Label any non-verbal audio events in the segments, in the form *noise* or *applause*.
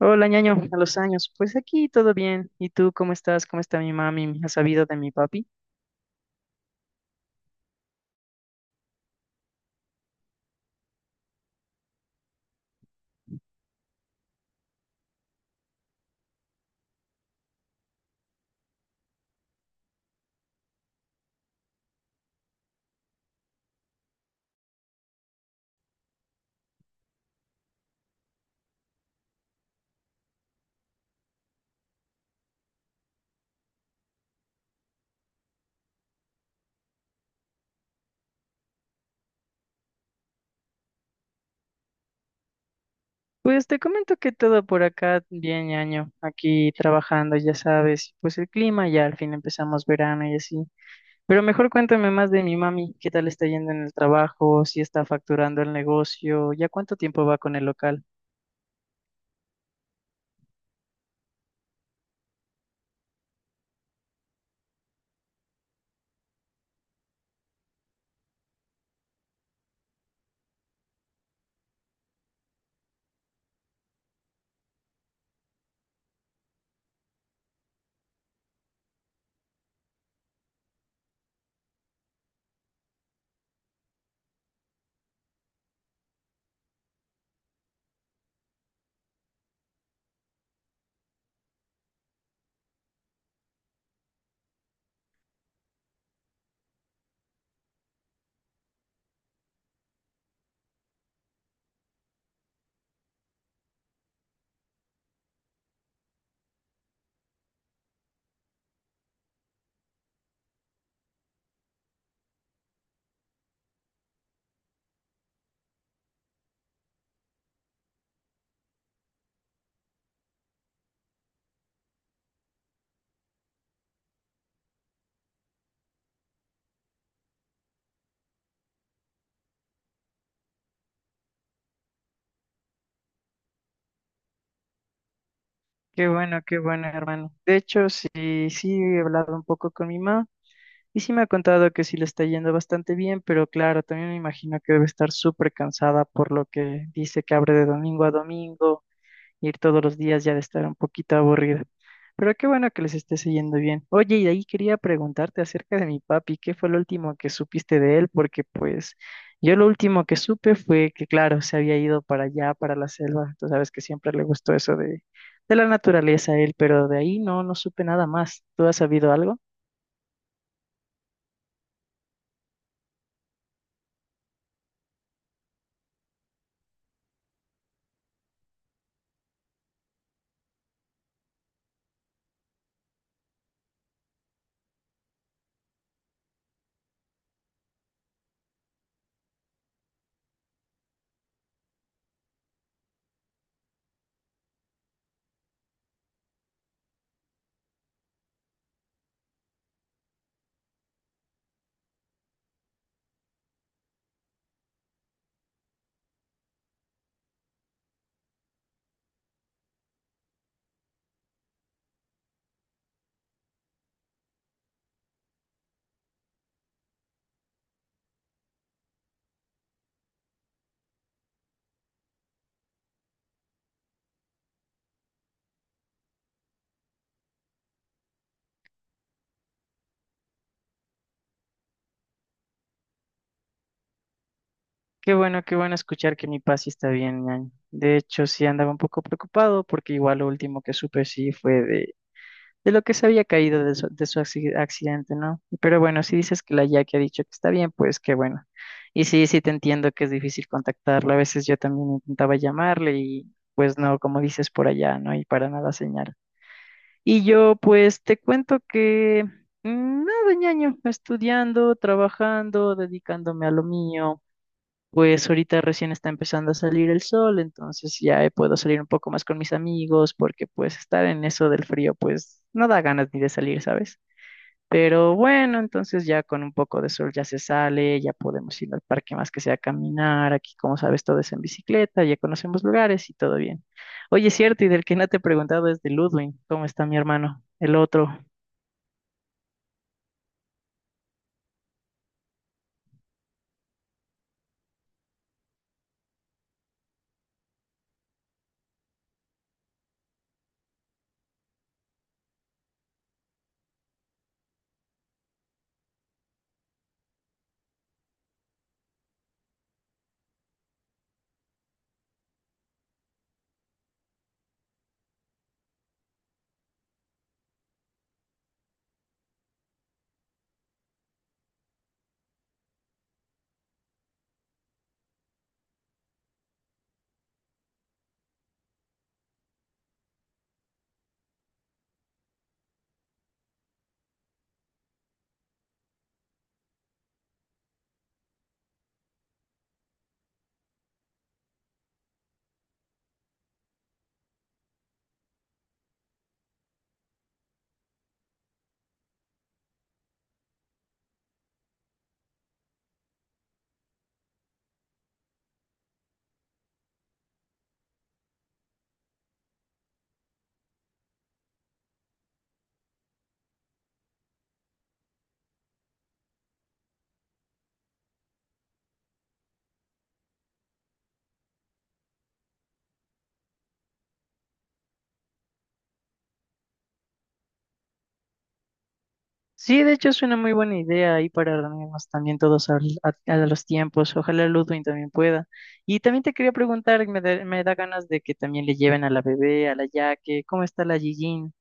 Hola, ñaño, a los años. Pues aquí todo bien. ¿Y tú cómo estás? ¿Cómo está mi mami? ¿Has sabido de mi papi? Pues te comento que todo por acá bien, ñaño. Aquí trabajando, ya sabes. Pues el clima ya al fin empezamos verano y así. Pero mejor cuéntame más de mi mami. ¿Qué tal está yendo en el trabajo? ¿Si está facturando el negocio? ¿Ya cuánto tiempo va con el local? Qué bueno, hermano. De hecho, sí, sí he hablado un poco con mi mamá. Y sí me ha contado que sí le está yendo bastante bien, pero claro, también me imagino que debe estar súper cansada por lo que dice que abre de domingo a domingo, ir todos los días ya de estar un poquito aburrida. Pero qué bueno que les esté yendo bien. Oye, y de ahí quería preguntarte acerca de mi papi, ¿qué fue lo último que supiste de él? Porque pues yo lo último que supe fue que, claro, se había ido para allá, para la selva. Tú sabes que siempre le gustó eso de la naturaleza a él, pero de ahí no, no supe nada más. ¿Tú has sabido algo? Qué bueno escuchar que mi Paz sí está bien, ñaño. De hecho, sí andaba un poco preocupado porque igual lo último que supe sí fue de lo que se había caído de su accidente, ¿no? Pero bueno, si dices que la Jackie ha dicho que está bien, pues qué bueno. Y sí, sí te entiendo que es difícil contactarla. A veces yo también intentaba llamarle y pues no, como dices por allá, ¿no? Y para nada señal. Y yo pues te cuento que nada, ñaño, estudiando, trabajando, dedicándome a lo mío. Pues ahorita recién está empezando a salir el sol, entonces ya puedo salir un poco más con mis amigos, porque pues estar en eso del frío, pues no da ganas ni de salir, ¿sabes? Pero bueno, entonces ya con un poco de sol ya se sale, ya podemos ir al parque más que sea a caminar, aquí como sabes todo es en bicicleta, ya conocemos lugares y todo bien. Oye, es cierto, y del que no te he preguntado es de Ludwig, ¿cómo está mi hermano? El otro. Sí, de hecho es una muy buena idea ahí para reunirnos también todos a los tiempos. Ojalá Ludwig también pueda. Y también te quería preguntar, me da ganas de que también le lleven a la bebé, a la Yaque, ¿cómo está la Gigin?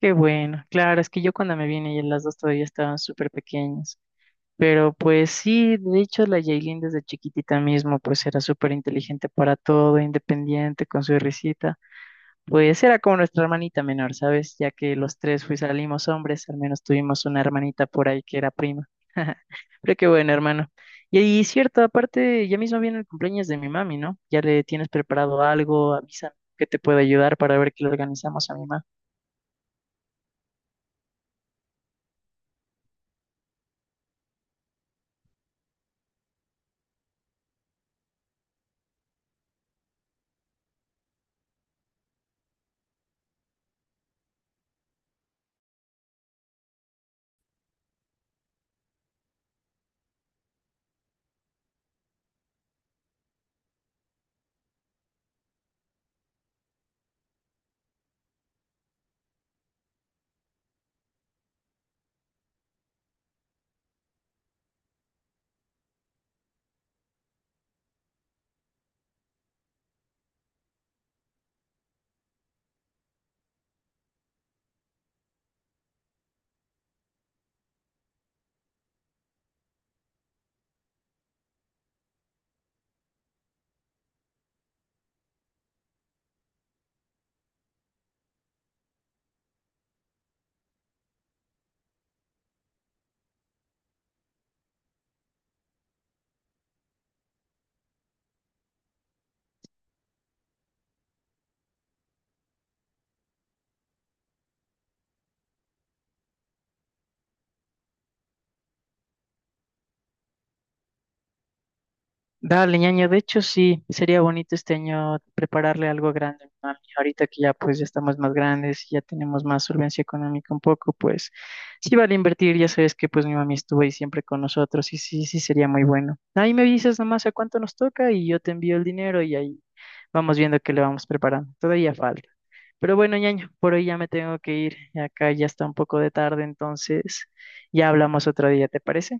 Qué bueno, claro, es que yo cuando me vine y las dos todavía estaban súper pequeñas. Pero pues sí, de hecho la Yailin desde chiquitita mismo pues era súper inteligente para todo, independiente con su risita. Pues era como nuestra hermanita menor, ¿sabes? Ya que los tres fui salimos hombres, al menos tuvimos una hermanita por ahí que era prima. *laughs* Pero qué bueno, hermano. Y cierto, aparte, ya mismo viene el cumpleaños de mi mami, ¿no? Ya le tienes preparado algo, avísame que te puedo ayudar para ver qué le organizamos a mi mami. Dale, ñaño, de hecho sí, sería bonito este año prepararle algo grande a mi mami. Ahorita que ya pues ya estamos más grandes, ya tenemos más solvencia económica un poco, pues sí vale invertir, ya sabes que pues mi mami estuvo ahí siempre con nosotros y sí, sí sería muy bueno. Ahí me avisas nomás a cuánto nos toca y yo te envío el dinero y ahí vamos viendo qué le vamos preparando. Todavía falta. Pero bueno, ñaño, por hoy ya me tengo que ir, acá ya está un poco de tarde, entonces ya hablamos otro día, ¿te parece?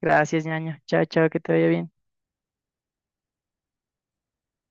Gracias, ñaño. Chao, chao, que te vaya bien.